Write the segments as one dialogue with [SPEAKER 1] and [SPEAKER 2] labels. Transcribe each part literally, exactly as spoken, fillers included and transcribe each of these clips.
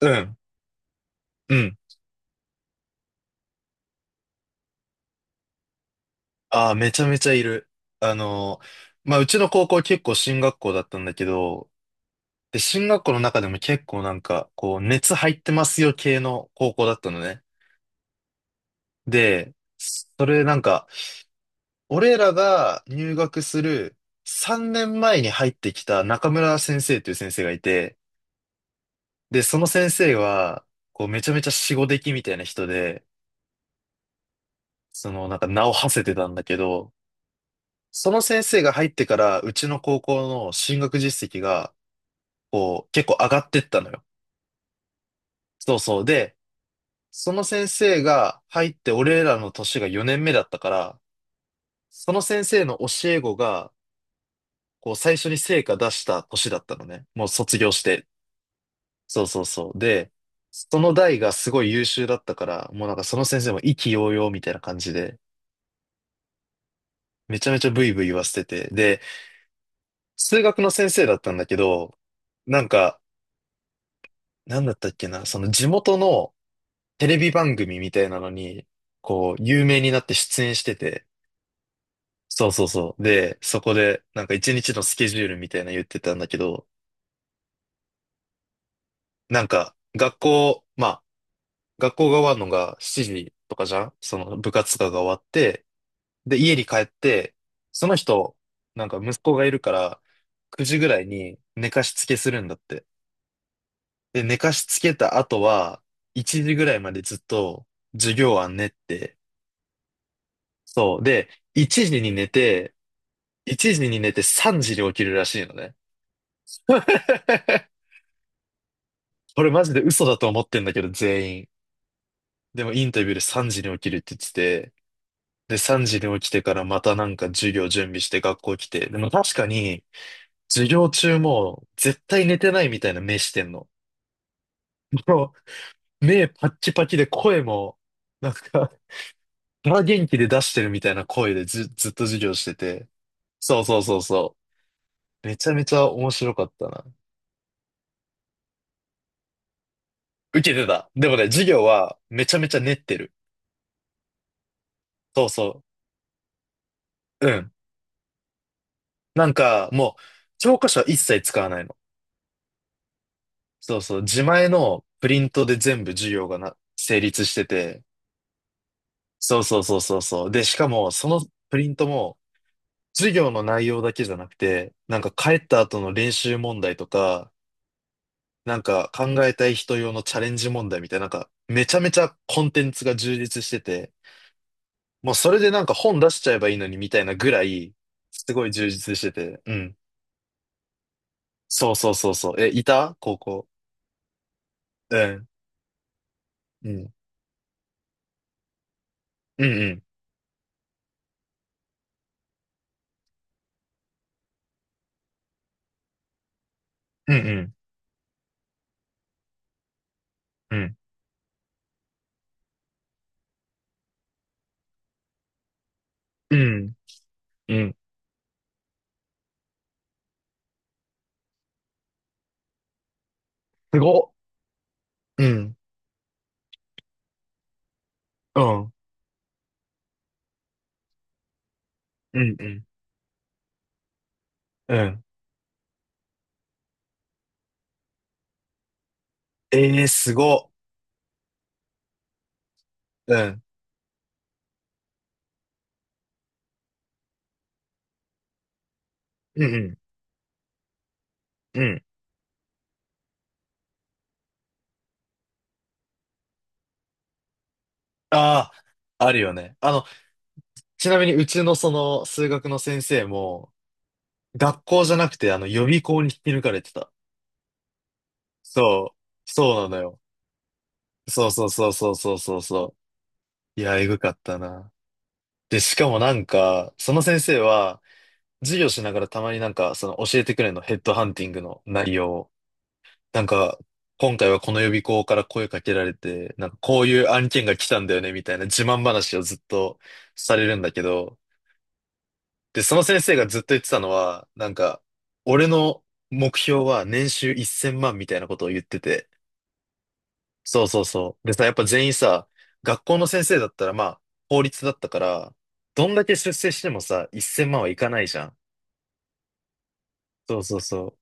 [SPEAKER 1] うん。うん。ああ、めちゃめちゃいる。あのー、まあ、うちの高校結構進学校だったんだけど、で、進学校の中でも結構なんか、こう、熱入ってますよ系の高校だったのね。で、それなんか、俺らが入学するさんねんまえに入ってきた中村先生という先生がいて、で、その先生は、こう、めちゃめちゃ死後出来みたいな人で、その、なんか名を馳せてたんだけど、その先生が入ってから、うちの高校の進学実績が、こう、結構上がってったのよ。そうそう。で、その先生が入って、俺らの年がよねんめだったから、その先生の教え子が、こう、最初に成果出した年だったのね。もう卒業して。そうそうそう。で、その代がすごい優秀だったから、もうなんかその先生も意気揚々みたいな感じで、めちゃめちゃブイブイ言わせてて。で、数学の先生だったんだけど、なんか、なんだったっけな、その地元のテレビ番組みたいなのに、こう、有名になって出演してて、そうそうそう。で、そこで、なんか一日のスケジュールみたいなの言ってたんだけど、なんか、学校、まあ、学校が終わるのがしちじとかじゃん、その部活とかが終わって、で、家に帰って、その人、なんか息子がいるから、くじぐらいに寝かしつけするんだって。で、寝かしつけた後は、いちじぐらいまでずっと授業は練って、そう。で、1時に寝て、1時に寝てさんじに起きるらしいのね。これマジで嘘だと思ってんだけど、全員。でもインタビューでさんじに起きるって言ってて、で、さんじに起きてからまたなんか授業準備して学校来て、でも確かに、授業中も絶対寝てないみたいな目してんの。もう、目パッキパキで声も、なんか、空元気で出してるみたいな声で、ず、ずっと授業してて。そうそうそうそう。めちゃめちゃ面白かったな。受けてた。でもね、授業はめちゃめちゃ練ってる。そうそう。うん。なんか、もう、教科書は一切使わないの。そうそう。自前のプリントで全部授業がな、成立してて。そうそうそうそうそう。で、しかも、そのプリントも、授業の内容だけじゃなくて、なんか帰った後の練習問題とか、なんか考えたい人用のチャレンジ問題みたいな、なんか、めちゃめちゃコンテンツが充実してて、もうそれでなんか本出しちゃえばいいのにみたいなぐらい、すごい充実してて。うん。そうそうそうそう。え、いた高校。うん。うん。うんうん。うんうん。うん。うん。うん。すごっ。うん。うん。うんうん。うん。ええー、すごっ。うん。うんうん。うん。ああ、あるよね。あの、ちなみにうちのその数学の先生も、学校じゃなくてあの予備校に引き抜かれてた。そう。そうなのよ。そうそうそうそうそうそうそう。いや、えぐかったな。で、しかもなんか、その先生は、授業しながらたまになんか、その教えてくれるの、ヘッドハンティングの内容を。なんか、今回はこの予備校から声かけられて、なんかこういう案件が来たんだよね、みたいな自慢話をずっとされるんだけど、で、その先生がずっと言ってたのは、なんか、俺の目標は年収せんまんみたいなことを言ってて、そうそうそう。でさ、やっぱ全員さ、学校の先生だったらまあ、法律だったから、どんだけ出世してもさ、せんまんはいかないじゃん。そうそうそう。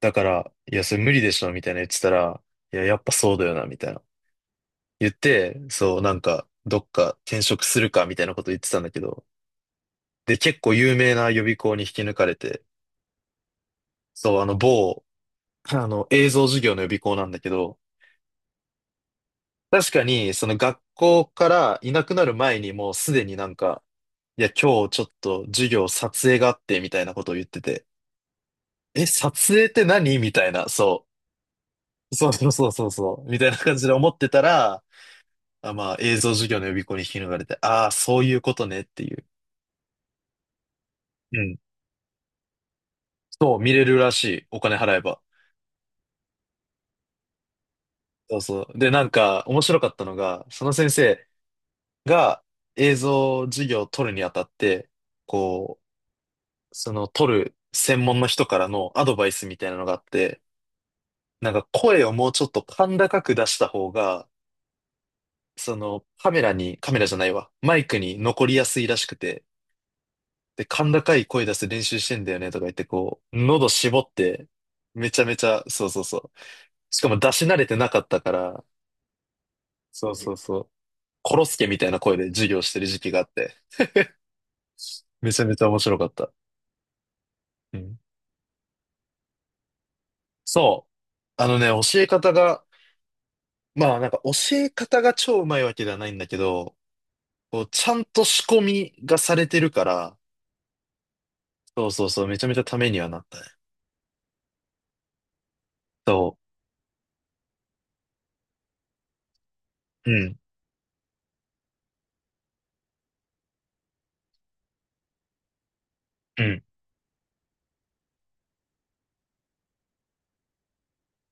[SPEAKER 1] だから、いや、それ無理でしょ、みたいな言ってたら、いや、やっぱそうだよな、みたいな。言って、そう、なんか、どっか転職するか、みたいなこと言ってたんだけど、で、結構有名な予備校に引き抜かれて、そう、あの、某、あの、映像授業の予備校なんだけど、確かに、その学校からいなくなる前にもうすでになんか、いや、今日ちょっと授業撮影があって、みたいなことを言ってて、え、撮影って何みたいな、そう。そうそうそうそうそう、みたいな感じで思ってたら、あ、まあ、映像授業の予備校に引き抜かれて、ああ、そういうことねっていう。うん。そう、見れるらしい。お金払えば。そうそう。で、なんか、面白かったのが、その先生が映像授業を取るにあたって、こう、その取る専門の人からのアドバイスみたいなのがあって、なんか声をもうちょっと甲高く出した方が、そのカメラに、カメラじゃないわ、マイクに残りやすいらしくて、で、甲高い声出して練習してんだよねとか言って、こう、喉絞って、めちゃめちゃ、そうそうそう。しかも出し慣れてなかったから、そうそうそう。コロスケみたいな声で授業してる時期があって、めちゃめちゃ面白かった。うん。そう。あのね、教え方が、まあなんか教え方が超うまいわけではないんだけど、こう、ちゃんと仕込みがされてるから、そうそうそう、めちゃめちゃためにはなったね。そう。うん。うん。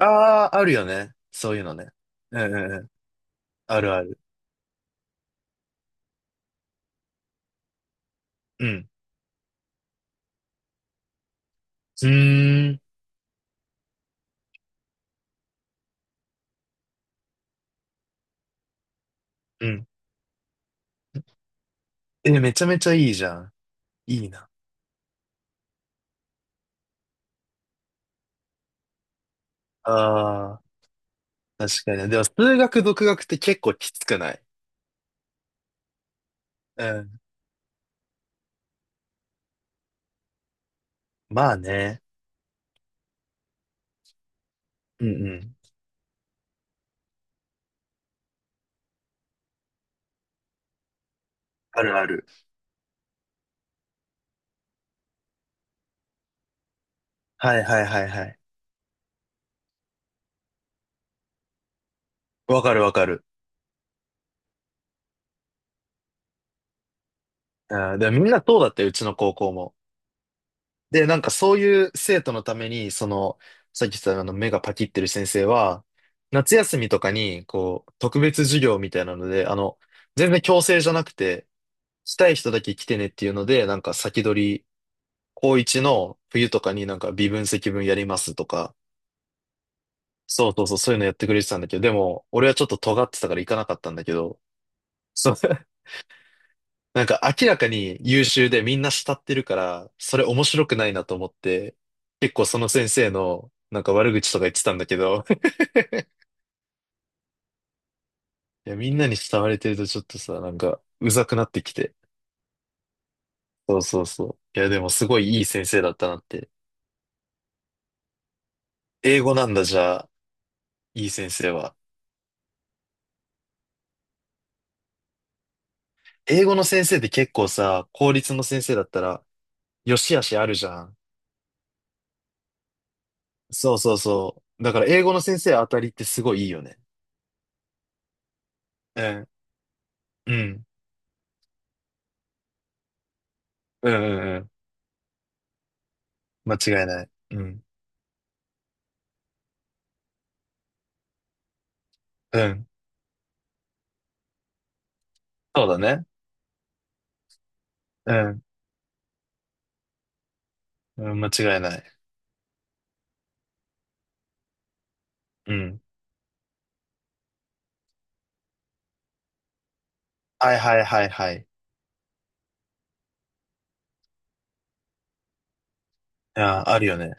[SPEAKER 1] ああ、あるよね。そういうのね。うんうんうん。あるある。うん。うーん。うん。え、めちゃめちゃいいじゃん。いいな。ああ、確かに。でも、数学、独学って結構きつくない？うん。まあね。うんうん。あるある。はいはいはいはい。わかるわかる。あー、でもみんなそうだって、うちの高校も。で、なんかそういう生徒のために、その、さっき言ったあの目がパキってる先生は、夏休みとかに、こう、特別授業みたいなので、あの、全然強制じゃなくて、したい人だけ来てねっていうので、なんか先取高一の冬とかになんか微分積分やりますとか、そうそうそう、そういうのやってくれてたんだけど、でも、俺はちょっと尖ってたから行かなかったんだけど、そう、なんか明らかに優秀でみんな慕ってるから、それ面白くないなと思って、結構その先生のなんか悪口とか言ってたんだけど、いや、みんなに慕われてるとちょっとさ、なんかうざくなってきて。そうそうそう。いや、でもすごいいい先生だったなって。英語なんだ、じゃあ、いい先生は。英語の先生って結構さ、公立の先生だったら、よしあしあるじゃん。そうそうそう。だから英語の先生当たりってすごいいいよね。うん、うん、うん、うんうん、間違いない。うん、うん。そうだね。うん、うん、間違いない。うん。はいはいはいはい。あー、あるよね。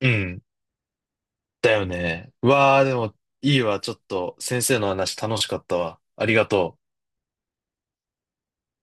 [SPEAKER 1] うん。だよね。うわあ、でも、いいわ。ちょっと、先生の話楽しかったわ。ありがとう。